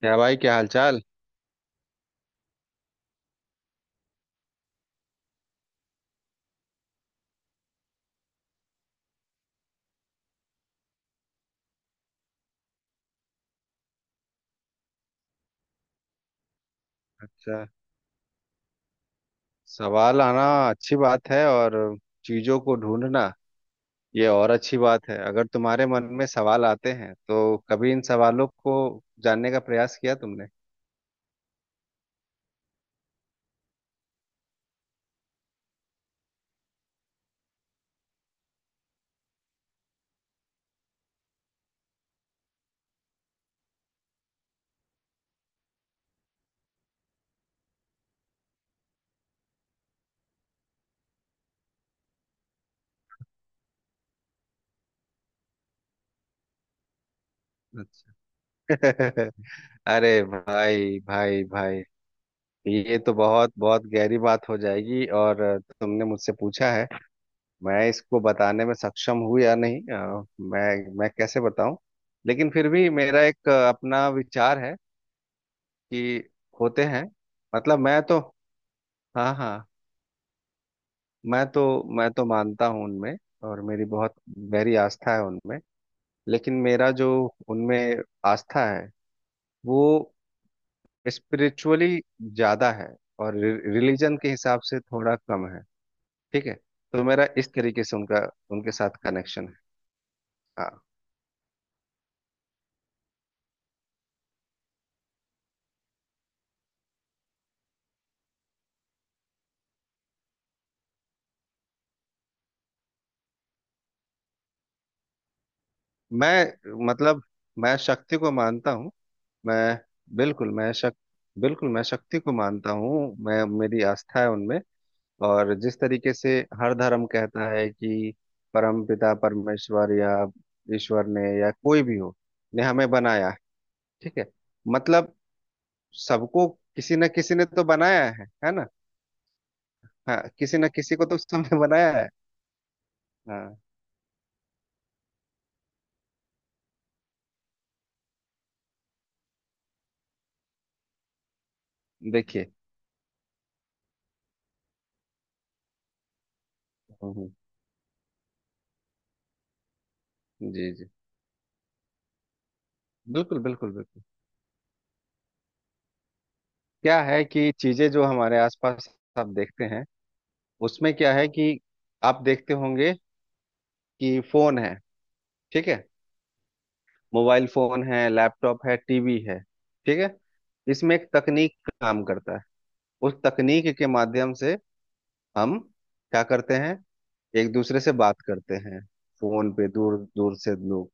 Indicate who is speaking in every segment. Speaker 1: क्या भाई, क्या हालचाल। अच्छा, सवाल आना अच्छी बात है, और चीजों को ढूंढना ये और अच्छी बात है। अगर तुम्हारे मन में सवाल आते हैं तो कभी इन सवालों को जानने का प्रयास किया तुमने? अच्छा। अरे भाई, भाई, भाई, ये तो बहुत बहुत गहरी बात हो जाएगी। और तुमने मुझसे पूछा है, मैं इसको बताने में सक्षम हूँ या नहीं, मैं कैसे बताऊं? लेकिन फिर भी मेरा एक अपना विचार है कि होते हैं। मतलब मैं तो, हाँ हाँ, मैं तो मानता हूँ उनमें, और मेरी बहुत गहरी आस्था है उनमें। लेकिन मेरा जो उनमें आस्था है वो स्पिरिचुअली ज्यादा है, और रिलीजन के हिसाब से थोड़ा कम है। ठीक है। तो मेरा इस तरीके से उनका उनके साथ कनेक्शन है। हाँ। मैं मतलब मैं शक्ति को मानता हूँ। मैं बिल्कुल मैं शक बिल्कुल मैं शक्ति को मानता हूँ, मैं मेरी आस्था है उनमें। और जिस तरीके से हर धर्म कहता है कि परमपिता परमेश्वर या ईश्वर ने या कोई भी हो, ने हमें बनाया है। ठीक है। मतलब सबको किसी न किसी ने तो बनाया है ना। हाँ, किसी न किसी को तो सबने बनाया है। हाँ। देखिए, हम्म, हम्म, जी जी, बिल्कुल बिल्कुल बिल्कुल। क्या है कि चीजें जो हमारे आसपास आप देखते हैं, उसमें क्या है कि आप देखते होंगे कि फोन है। ठीक है। मोबाइल फोन है, लैपटॉप है, टीवी है। ठीक है। इसमें एक तकनीक काम करता है। उस तकनीक के माध्यम से हम क्या करते हैं, एक दूसरे से बात करते हैं। फोन पे दूर दूर से लोग,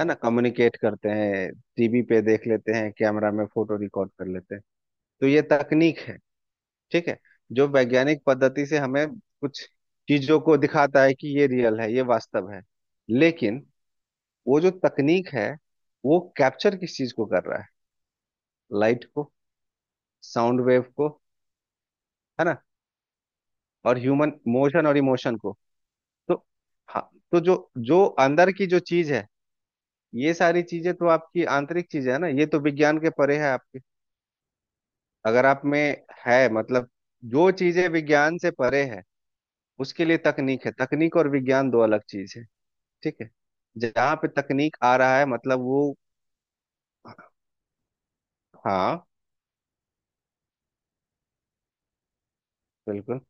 Speaker 1: है ना, कम्युनिकेट करते हैं, टीवी पे देख लेते हैं, कैमरा में फोटो रिकॉर्ड कर लेते हैं। तो ये तकनीक है। ठीक है। जो वैज्ञानिक पद्धति से हमें कुछ चीजों को दिखाता है कि ये रियल है, ये वास्तव है। लेकिन वो जो तकनीक है, वो कैप्चर किस चीज को कर रहा है? लाइट को, साउंड वेव को, है ना, और ह्यूमन मोशन और इमोशन को। तो हाँ, तो जो जो अंदर की जो चीज है, ये सारी चीजें तो आपकी आंतरिक चीजें है ना, ये तो विज्ञान के परे है आपके। अगर आप में है, मतलब जो चीजें विज्ञान से परे है उसके लिए तकनीक है। तकनीक और विज्ञान दो अलग चीज है। ठीक है। जहाँ पे तकनीक आ रहा है, मतलब वो, हाँ बिल्कुल।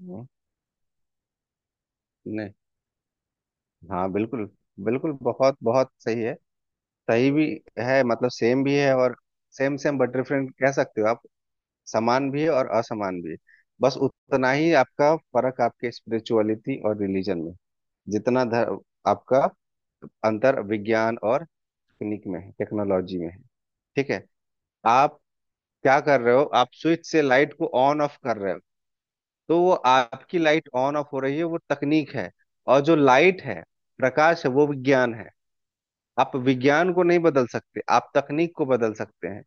Speaker 1: हम्म, नहीं, हाँ बिल्कुल बिल्कुल, बहुत बहुत सही है। सही भी है, मतलब सेम भी है, और सेम सेम बट डिफरेंट कह सकते हो आप। समान भी है और असमान भी है। बस उतना ही आपका फर्क आपके स्पिरिचुअलिटी और रिलीजन में, जितना धर, आपका अंतर विज्ञान और तकनीक में है, टेक्नोलॉजी में है। ठीक है। आप क्या कर रहे हो, आप स्विच से लाइट को ऑन ऑफ कर रहे हो। तो वो आपकी लाइट ऑन ऑफ हो रही है, वो तकनीक है। और जो लाइट है, प्रकाश है, वो विज्ञान है। आप विज्ञान को नहीं बदल सकते, आप तकनीक को बदल सकते हैं।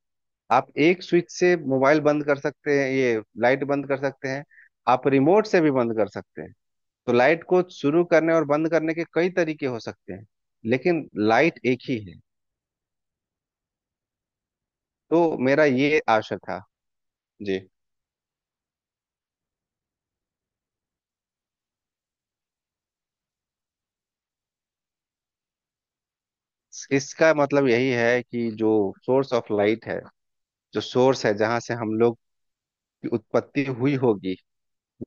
Speaker 1: आप एक स्विच से मोबाइल बंद कर सकते हैं, ये लाइट बंद कर सकते हैं। आप रिमोट से भी बंद कर सकते हैं। तो लाइट को शुरू करने और बंद करने के कई तरीके हो सकते हैं, लेकिन लाइट एक ही है। तो मेरा ये आशय था, जी। इसका मतलब यही है कि जो सोर्स ऑफ लाइट है, जो सोर्स है जहां से हम लोग की उत्पत्ति हुई होगी,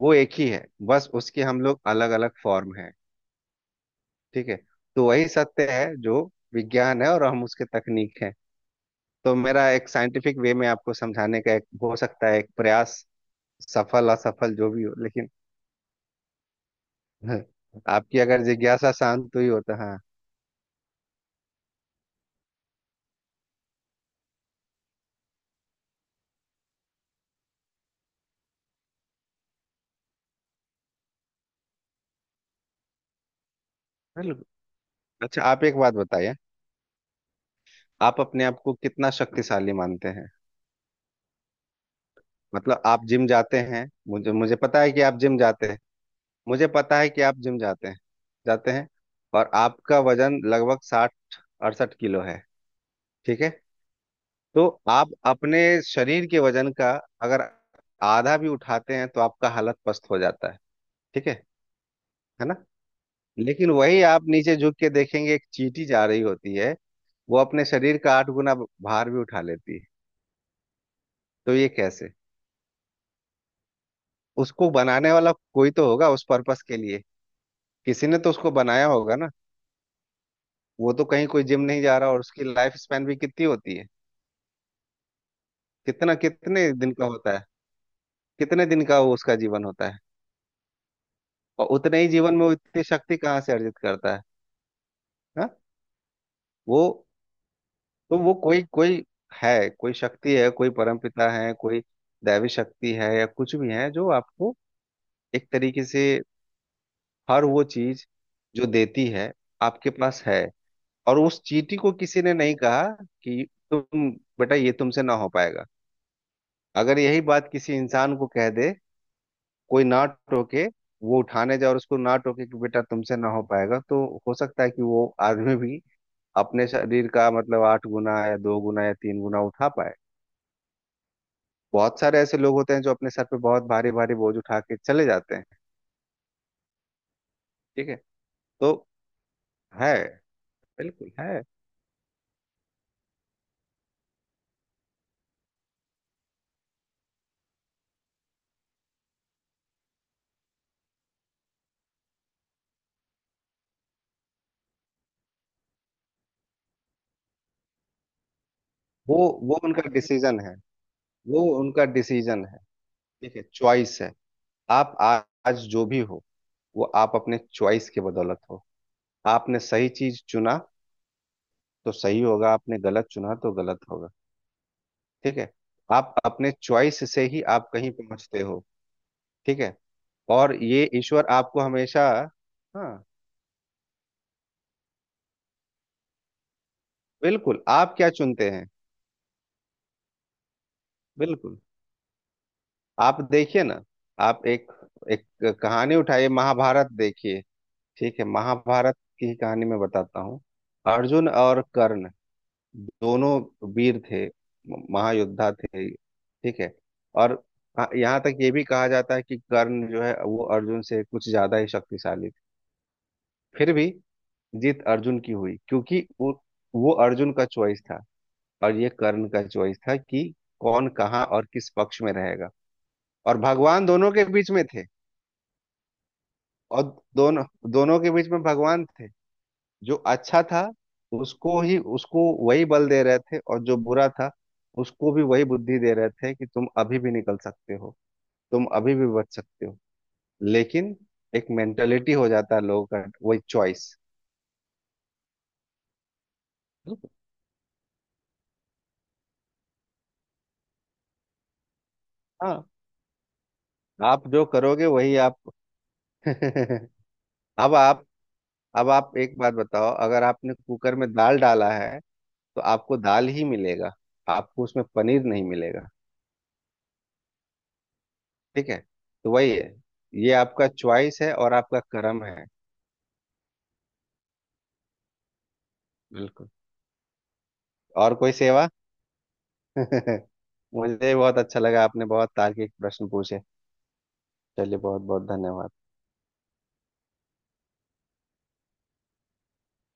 Speaker 1: वो एक ही है। बस उसके हम लोग अलग अलग फॉर्म है। ठीक है। तो वही सत्य है जो विज्ञान है, और हम उसके तकनीक है। तो मेरा एक साइंटिफिक वे में आपको समझाने का एक हो सकता है एक प्रयास, सफल असफल जो भी हो, लेकिन आपकी अगर जिज्ञासा शांत हुई हो तो, हाँ बिल्कुल। अच्छा, आप एक बात बताइए, आप अपने आप को कितना शक्तिशाली मानते हैं? मतलब आप जिम जाते हैं, मुझे मुझे पता है कि आप जिम जाते हैं। मुझे पता है कि आप जिम जाते हैं, जाते हैं। और आपका वजन लगभग साठ, अड़सठ किलो है। ठीक है। तो आप अपने शरीर के वजन का अगर आधा भी उठाते हैं तो आपका हालत पस्त हो जाता है। ठीक है ना। लेकिन वही आप नीचे झुक के देखेंगे, एक चींटी जा रही होती है, वो अपने शरीर का आठ गुना भार भी उठा लेती है। तो ये कैसे? उसको बनाने वाला कोई तो होगा उस पर्पस के लिए। किसी ने तो उसको बनाया होगा ना। वो तो कहीं कोई जिम नहीं जा रहा, और उसकी लाइफ स्पैन भी कितनी होती है? कितना, कितने दिन का होता है, कितने दिन का वो उसका जीवन होता है? और उतने ही जीवन में वो इतनी शक्ति कहाँ से अर्जित करता है? हा? वो, तो वो कोई कोई है, कोई शक्ति है, कोई परमपिता है, कोई दैवी शक्ति है, या कुछ भी है, जो आपको एक तरीके से हर वो चीज जो देती है, आपके पास है। और उस चींटी को किसी ने नहीं कहा कि तुम, बेटा ये तुमसे ना हो पाएगा। अगर यही बात किसी इंसान को कह दे, कोई ना टोके, वो उठाने जाए और उसको ना टोके कि बेटा तुमसे ना हो पाएगा, तो हो सकता है कि वो आदमी भी अपने शरीर का मतलब आठ गुना या दो गुना या तीन गुना उठा पाए। बहुत सारे ऐसे लोग होते हैं जो अपने सर पे बहुत भारी भारी बोझ उठा के चले जाते हैं। ठीक है। तो है, बिल्कुल है। वो वो उनका डिसीजन है, वो उनका डिसीजन है। ठीक है, चॉइस है। आप आ- आज जो भी हो, वो आप अपने चॉइस के बदौलत हो। आपने सही चीज चुना तो सही होगा, आपने गलत चुना तो गलत होगा। ठीक है। आप अपने चॉइस से ही आप कहीं पहुंचते हो। ठीक है। और ये ईश्वर आपको हमेशा, हाँ बिल्कुल, आप क्या चुनते हैं, बिल्कुल। आप देखिए ना, आप एक एक कहानी उठाइए, महाभारत देखिए। ठीक है, महाभारत की कहानी मैं बताता हूँ। अर्जुन और कर्ण दोनों वीर थे, महायोद्धा थे। ठीक है। और यहाँ तक ये भी कहा जाता है कि कर्ण जो है वो अर्जुन से कुछ ज्यादा ही शक्तिशाली थे। फिर भी जीत अर्जुन की हुई, क्योंकि वो अर्जुन का चॉइस था, और ये कर्ण का चॉइस था कि कौन कहाँ और किस पक्ष में रहेगा। और भगवान दोनों के बीच में थे। और दोनों दोनों के बीच में भगवान थे। जो अच्छा था उसको वही बल दे रहे थे, और जो बुरा था उसको भी वही बुद्धि दे रहे थे कि तुम अभी भी निकल सकते हो, तुम अभी भी बच सकते हो। लेकिन एक मेंटेलिटी हो जाता है लोगों का, वही चॉइस। हाँ, आप जो करोगे वही आप। अब आप अब आप एक बात बताओ, अगर आपने कुकर में दाल डाला है तो आपको दाल ही मिलेगा, आपको उसमें पनीर नहीं मिलेगा। ठीक है। तो वही है, ये आपका चॉइस है और आपका कर्म है। बिल्कुल। और कोई सेवा? मुझे बहुत अच्छा लगा, आपने बहुत तार्किक प्रश्न पूछे। चलिए, बहुत बहुत धन्यवाद।